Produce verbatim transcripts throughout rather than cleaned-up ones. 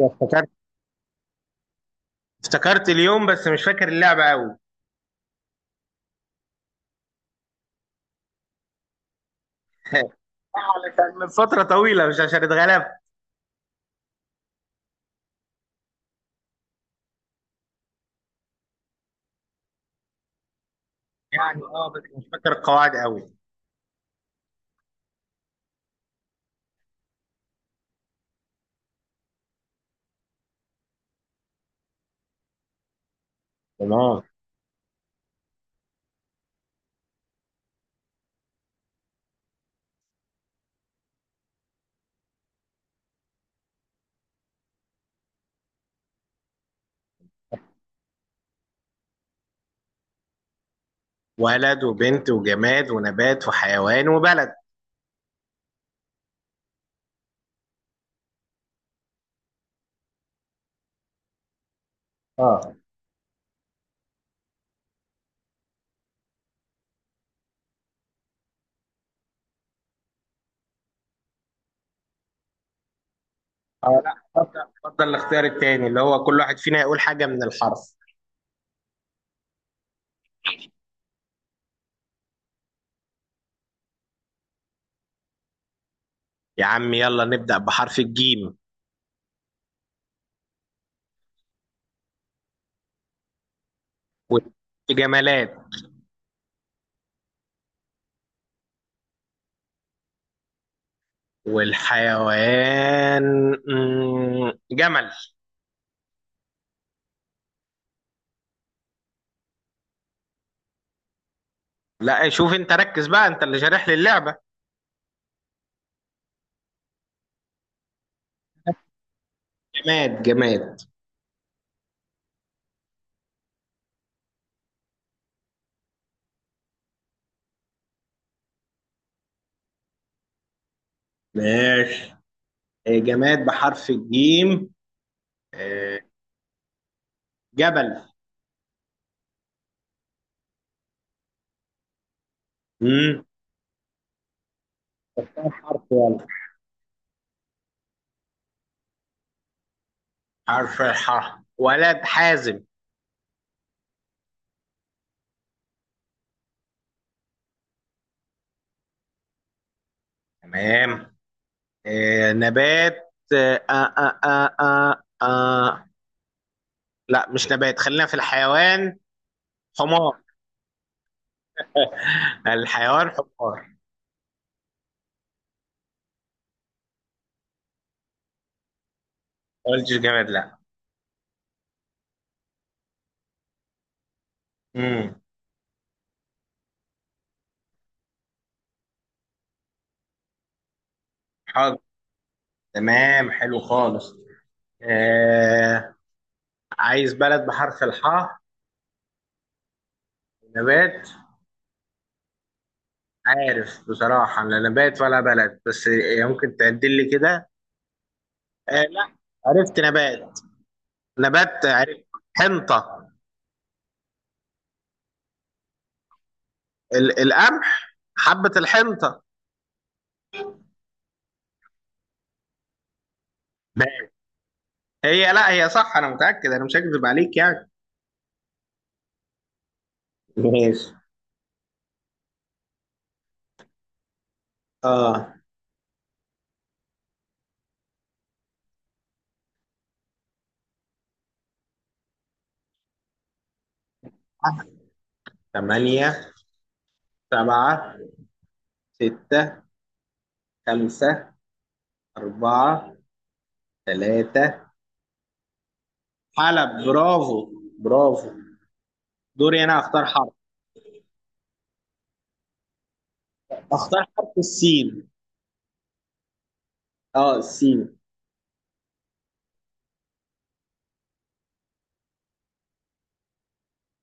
افتكرت. افتكرت اليوم، بس مش فاكر اللعبة قوي. علشان من فترة طويلة، مش عشان اتغلبت يعني. اه، بس مش فاكر القواعد قوي. تمام. ولد وبنت وجماد ونبات وحيوان وبلد. اه، اه، لا، اتفضل اتفضل، الاختيار التاني اللي هو كل واحد فينا يقول حاجة من الحرف. يا عم، يلا نبدأ بحرف الجيم. والجمالات. والحيوان، مم، جمل. لا، شوف انت ركز بقى، انت اللي شارح لي اللعبة. جماد جماد. ماشي. آه، جماد بحرف الجيم. آه، جبل. مم. كام حرف؟ يلا. حرف الحاء، ولد حازم. تمام. آه، نبات. آه، آه، آه، آه، آه. آه. لا، مش نبات، خلينا في الحيوان. حمار. الحيوان حمار. ما قلتش جماد، لا. امم. حاضر. تمام، حلو خالص. آه عايز بلد بحرف الحاء. نبات. عارف بصراحة لا نبات ولا بلد، بس إيه، ممكن تعدل لي كده. آه لا، عرفت نبات. نبات عرفت. حنطة. ال القمح، حبة الحنطة. ماشي. هي، لا هي صح، أنا متأكد، أنا مش هكذب عليك يعني. ماشي. اه. ثمانية، سبعة، ستة، خمسة، أربعة، ثلاثة. حلب، برافو. برافو. دوري أنا أختار حرف. أختار حرف السين. اه، السين.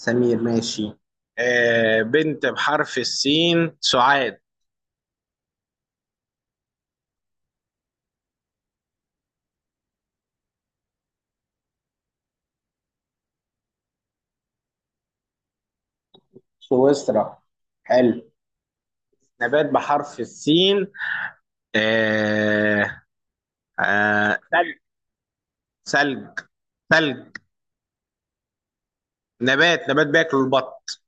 سمير، ماشي. آه بنت بحرف السين، سعاد. سويسرا، حلو. نبات بحرف السين. آه آه ثلج. ثلج ثلج. نبات، نبات بياكل البط.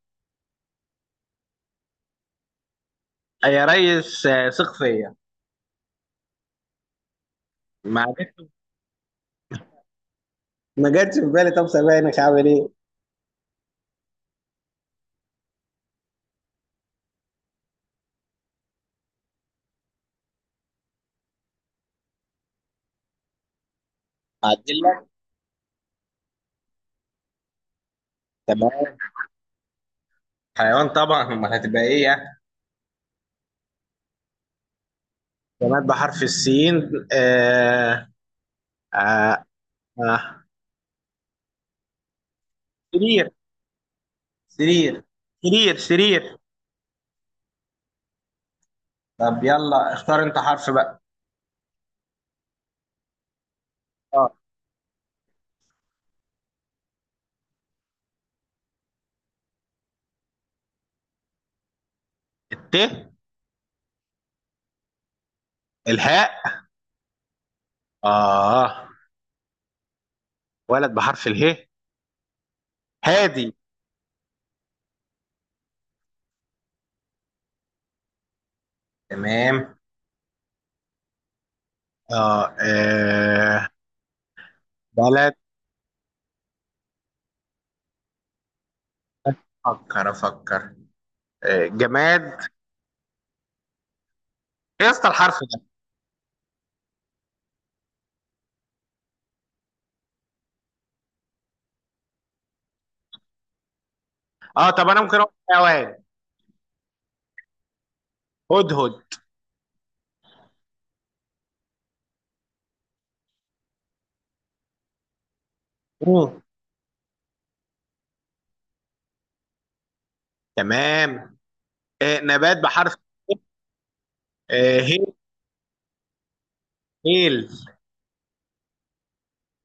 آه، يا ريس، آه ثق فيا. معلش، ما جاتش في بالي. طب سامعني، هعمل ايه؟ اعدل لك. تمام. حيوان طبعا، امال هتبقى ايه يعني؟ نبات بحرف السين. آه آه آه سرير. سرير. سرير سرير. طب، يلا اختار انت حرف بقى. اه. الت الهاء. اه، ولد بحرف اله. هادي. تمام اه, آه. بلد. افكر افكر. آه. جماد ايه؟ يا اسطى الحرف ده. اه، طب انا ممكن اقول حيوان. هدهد. مم. تمام. آه. نبات بحرف آه. هيل. هيل.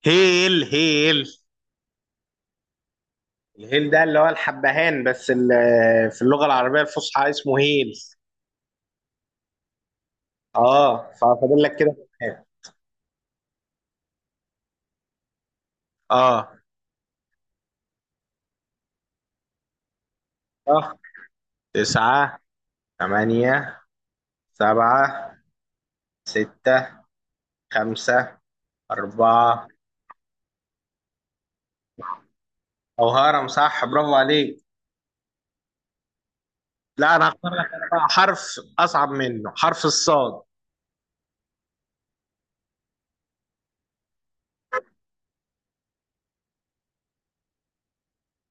هيل هيل. الهيل ده اللي هو الحبهان، بس ال- في اللغة العربية الفصحى اسمه هيل. اه، ففاضل لك كده. اه. صح. تسعة، ثمانية، سبعة، ستة، خمسة، أربعة. أو هرم، صح، برافو عليك. لا، أنا هختار لك أنا بقى حرف أصعب منه، حرف الصاد.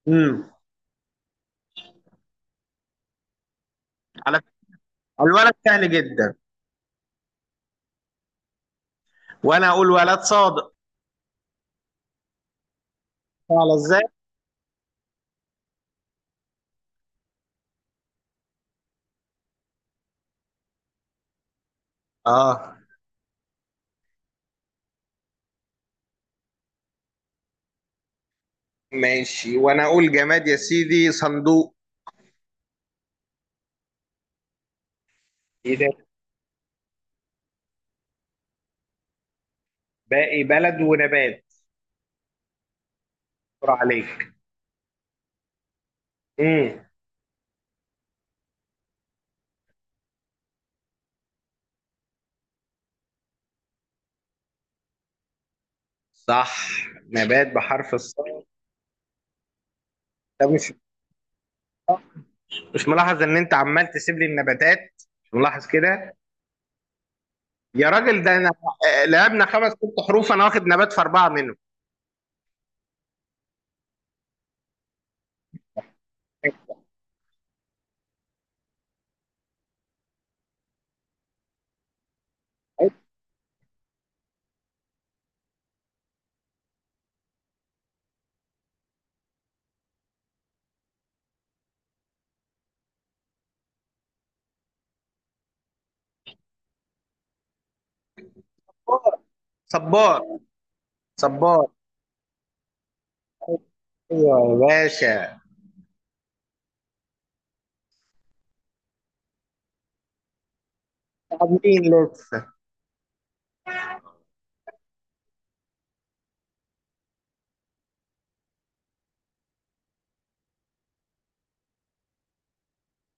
امم. على. الولد سهل جدا. وأنا أقول ولد صادق. على إزاي؟ آه ماشي، وأنا أقول جماد يا سيدي، صندوق. إيه ده؟ باقي بلد ونبات. برافو عليك. امم. صح. نبات بحرف الصاد. ده مش مش ملاحظ ان انت عمال تسيب لي النباتات؟ مش ملاحظ كده؟ يا راجل، ده انا. آه، لعبنا خمس ست حروف، انا واخد نبات في اربعه منهم. صبار. صبار. ايوه يا باشا. عاملين لسه.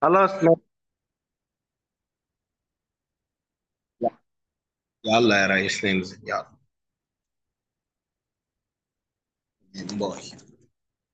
خلاص، ماشي. يلا يا ريس، ننزل، يلا. باي.